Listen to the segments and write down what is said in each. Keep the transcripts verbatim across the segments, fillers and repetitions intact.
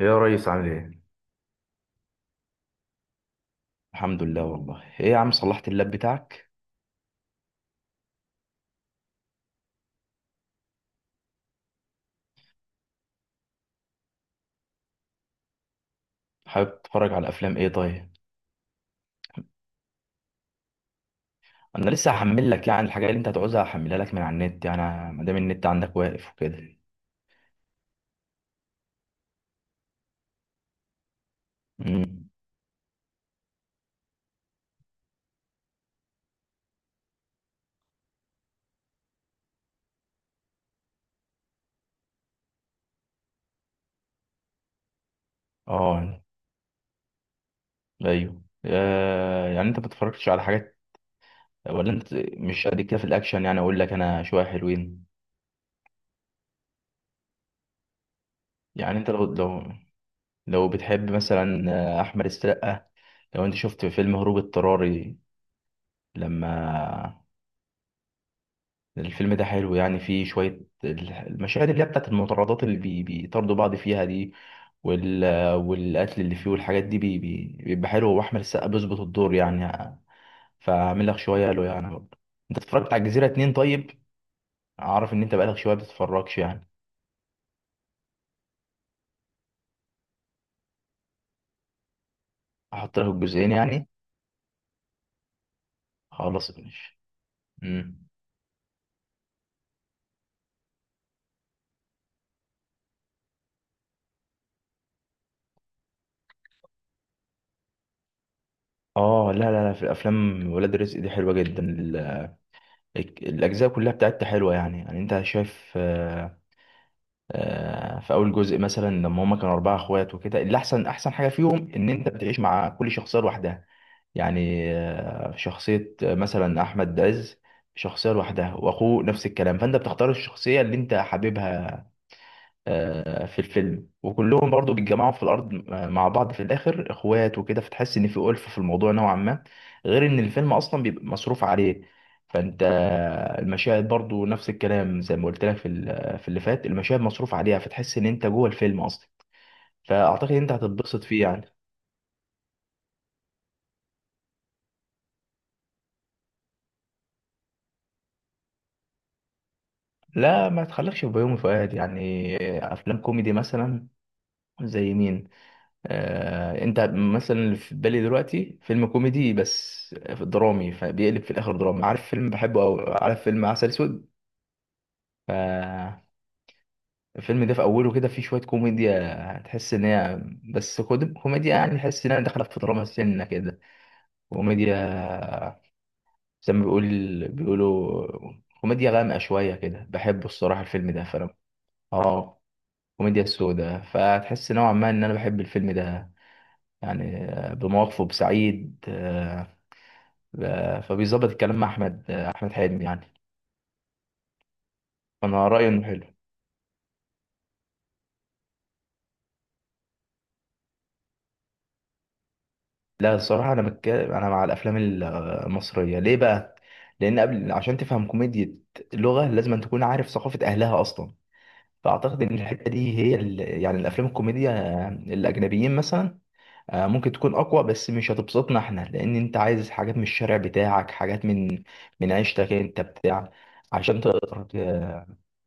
يا ريس عامل ايه؟ الحمد لله والله ايه يا عم صلحت اللاب بتاعك. حابب تتفرج على افلام ايه طيب؟ انا لسه هحمل لك يعني الحاجه اللي انت هتعوزها، هحملها لك من على النت يعني، ما دام النت عندك واقف وكده. امم اه ايوه. آه يعني انت ما بتتفرجش على حاجات، ولا انت مش قد كده في الاكشن؟ يعني اقول لك انا شويه حلوين. يعني انت لو لو لو بتحب مثلا آه، احمد السقا، لو انت شفت فيلم هروب اضطراري لما الفيلم ده حلو، يعني فيه شوية ال- المشاهد اللي هي بتاعت المطاردات اللي بي- بيطاردوا بعض فيها دي وال... والقتل اللي فيه والحاجات دي بي... بي- بيبقى حلو، وأحمد السقا بيظبط الدور يعني. فأعمل لك شوية له يعني برضه. أنت اتفرجت على الجزيرة اتنين طيب؟ أعرف إن أنت بقالك شوية بتتفرجش يعني. أحط لك الجزئين يعني. خلاص ماشي. مم. آه لا لا لا، في الأفلام ولاد رزق دي حلوة جدا. ال- الأجزاء كلها بتاعتها حلوة يعني. يعني أنت شايف، آه، في اول جزء مثلا لما هما كانوا اربعه اخوات وكده، اللي احسن احسن حاجه فيهم ان انت بتعيش مع كل شخصيه لوحدها، يعني آه، شخصيه، آه، مثلا احمد عز، شخصيه لوحدها، واخوه نفس الكلام. فانت بتختار الشخصيه اللي انت حاببها آه، في الفيلم، وكلهم برضو بيتجمعوا في الارض مع بعض في الاخر اخوات وكده، فتحس ان في ألفة في الموضوع نوعا ما، غير ان الفيلم اصلا بيبقى مصروف عليه. فانت المشاهد برضو نفس الكلام، زي ما قلت لك في ال- في اللي فات، المشاهد مصروف عليها، فتحس ان انت جوه الفيلم اصلا. فاعتقد انت هتتبسط فيه يعني. لا ما تخليكش في بيومي فؤاد يعني. افلام كوميدي مثلا زي مين؟ آه، انت مثلا اللي في بالي دلوقتي فيلم كوميدي بس درامي، فبيقلب في الاخر دراما. عارف فيلم بحبه، او عارف فيلم عسل اسود؟ ف الفيلم ده في اوله كده فيه شويه كوميديا، تحس ان هي بس كود- كوميديا، يعني تحس انها داخله في دراما سنه كده كوميديا، زي ما بيقول بيقولوا كوميديا غامقه شويه كده. بحبه الصراحه الفيلم ده، فانا اه كوميديا سودا، فتحس نوعا ما ان انا بحب الفيلم ده يعني، آه، بمواقفه، بسعيد، آه، آه، فبيظبط الكلام مع احمد، آه، احمد حلمي يعني. انا رايي انه حلو. لا الصراحه انا بك... انا مع الافلام ال- المصريه، ليه بقى؟ لان قبل عشان تفهم كوميديا لغه، لازم أن تكون عارف ثقافه اهلها اصلا. فاعتقد ان الحته دي هي ال... يعني الافلام الكوميديا، آه، الاجنبيين مثلا، آه، ممكن تكون اقوى، بس مش هتبسطنا احنا، لان انت عايز حاجات من الشارع بتاعك، حاجات من من عيشتك انت بتاع، عشان تقدر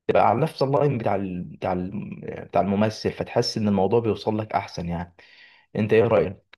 تبقى على نفس اللاين بتاع ال... بتاع ال... بتاع الممثل، فتحس ان الموضوع بيوصل لك احسن يعني. انت ايه رايك؟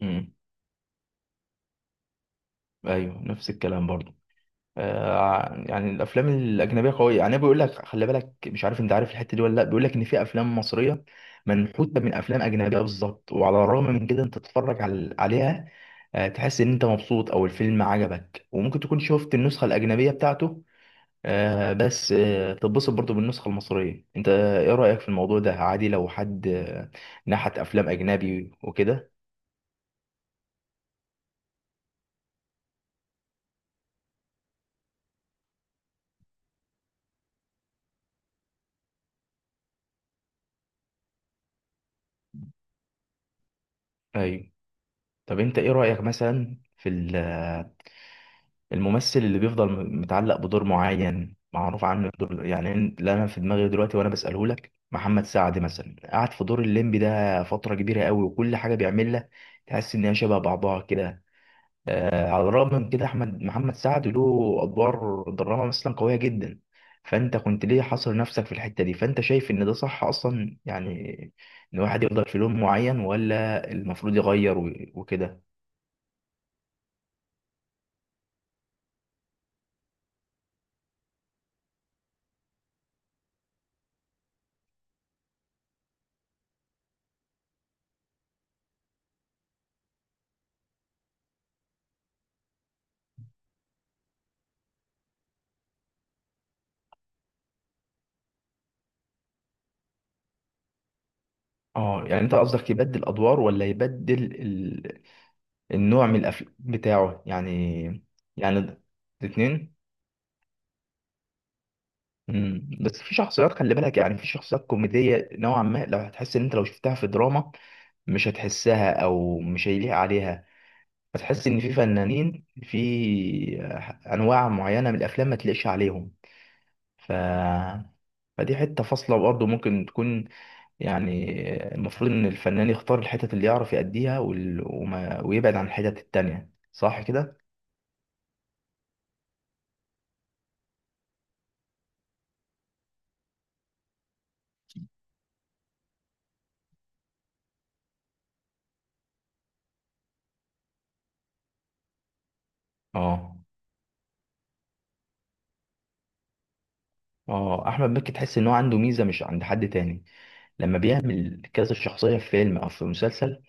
امم ايوه نفس الكلام برضه. آه يعني الافلام الاجنبيه قويه، يعني بيقول لك خلي بالك، مش عارف انت عارف الحته دي ولا لا، بيقول لك ان في افلام مصريه منحوته من افلام اجنبيه بالظبط، وعلى الرغم من كده انت تتفرج على... عليها، آه تحس ان انت مبسوط او الفيلم عجبك، وممكن تكون شفت النسخه الاجنبيه بتاعته. آه بس آه تتبسط برضو بالنسخة المصرية. انت ايه رأيك في الموضوع ده؟ عادي لو حد آه، نحت افلام اجنبي وكده؟ ايوه. طب انت ايه رأيك مثلا في ال- آه، الممثل اللي بيفضل م- متعلق بدور معين معروف عنه الدور، يعني ان- اللي انا في دماغي دلوقتي وانا بسأله لك، محمد سعد مثلا قعد في دور الليمبي ده فترة كبيرة قوي، وكل حاجة بيعملها تحس ان هي شبه بعضها كده. آه، على الرغم من كده احمد محمد سعد له ادوار دراما مثلا قويه جدا. فانت كنت ليه حاصر نفسك في الحته دي؟ فانت شايف ان ده صح اصلا يعني، ان واحد يفضل في لون معين، ولا المفروض يغير و- وكده؟ اه يعني انت قصدك يبدل ادوار، ولا يبدل ال... النوع من الافلام بتاعه يعني؟ يعني الاثنين. مم. بس في شخصيات خلي بالك، يعني في شخصيات كوميديه نوعا ما لو هتحس ان انت لو شفتها في دراما مش هتحسها، او مش هيليق عليها. فتحس ان في فنانين في انواع معينه من الافلام ما تلاقيش عليهم. ف فدي حته فاصله برضه ممكن تكون يعني، المفروض ان الفنان يختار الحتت اللي يعرف يأديها، وال... وما... ويبعد عن الحتت التانية. صح كده؟ اه. اه احمد مكي تحس ان هو عنده ميزه مش عند حد تاني، لما بيعمل كذا شخصيه في فيلم او في مسلسل.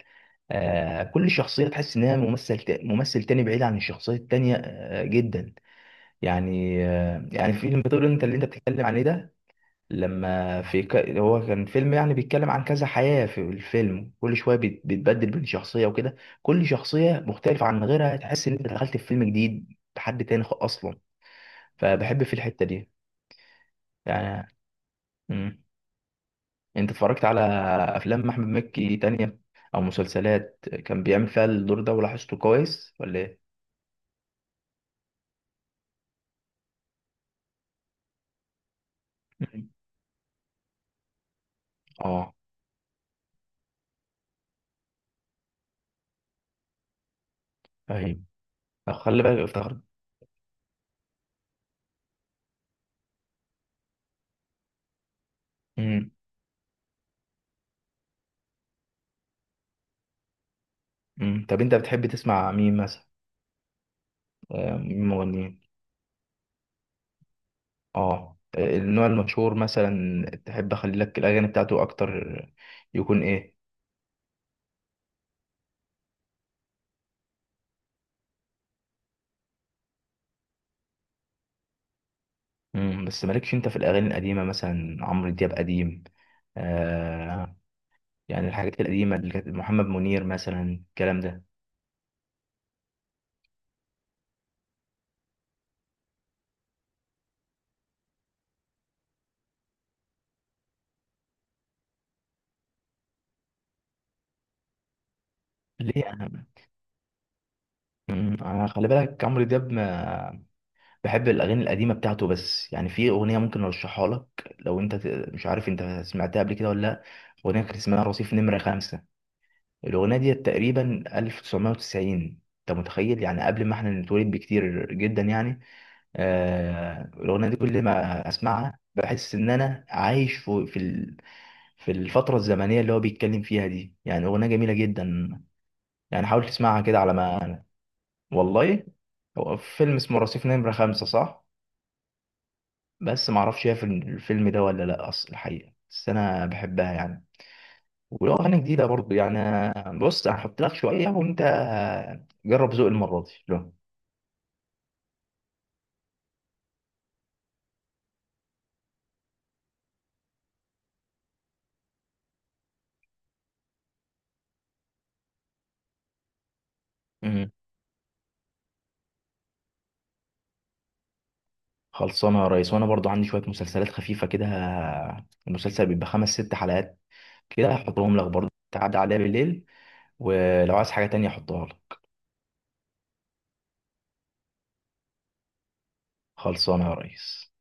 آه كل شخصيه تحس انها ممثل تا... ممثل تاني، بعيد عن الشخصيه التانية آه جدا يعني. آه، يعني فيلم بتقول انت اللي انت بتتكلم عليه ده، لما في ك... هو كان فيلم يعني بيتكلم عن كذا حياة في الفيلم، كل شوية بيت- بيتبدل بين شخصية وكده، كل شخصية مختلفة عن غيرها، تحس ان انت دخلت في فيلم جديد بحد تاني خ- اصلا. فبحب في الحتة دي يعني. مم. انت اتفرجت على افلام احمد مكي تانية او مسلسلات كان بيعمل فيها الدور ده، ولاحظته كويس ولا ايه؟ مم. اه ايوه. طب خلي بالك افتكرت. مم. مم. طب انت بتحب تسمع مين مثلا؟ آه، مين مغنيين؟ اه آه، النوع المشهور مثلا تحب اخلي لك الاغاني بتاعته اكتر، يكون ايه؟ مم. بس مالكش انت في الاغاني القديمه مثلا؟ عمرو دياب قديم آه، يعني الحاجات القديمه اللي كانت، محمد منير مثلا، الكلام ده؟ ليه انا. مم، أنا خلي بالك عمرو دياب ما بحب الاغاني القديمه بتاعته، بس يعني في اغنيه ممكن ارشحها لك، لو انت ت- مش عارف انت سمعتها قبل كده ولا لا. اغنيه كانت اسمها رصيف نمره خمسة. الأغنية دي تقريبا تسعين. أنت متخيل؟ يعني قبل ما احنا نتولد بكتير جدا يعني. آه الأغنية دي كل ما أسمعها بحس إن أنا عايش في في ال- في الفترة الزمنية اللي هو بيتكلم فيها دي. يعني أغنية جميلة جدا. يعني حاول تسمعها كده على ما. والله هو فيلم اسمه رصيف نمرة خمسة صح؟ بس معرفش هي في الفيلم ده ولا لأ أصل الحقيقة، بس أنا بحبها يعني. ولو أغاني جديدة برضو يعني، بص هحط لك شوية، وأنت جرب ذوق المرة دي لو. مم. خلصانة يا ريس. وأنا برضو عندي شوية مسلسلات خفيفة كده، المسلسل بيبقى خمس ست حلقات كده، هحطهم لك برضو تعدي عليها بالليل، ولو عايز حاجة تانية أحطها لك. خلصانة يا ريس.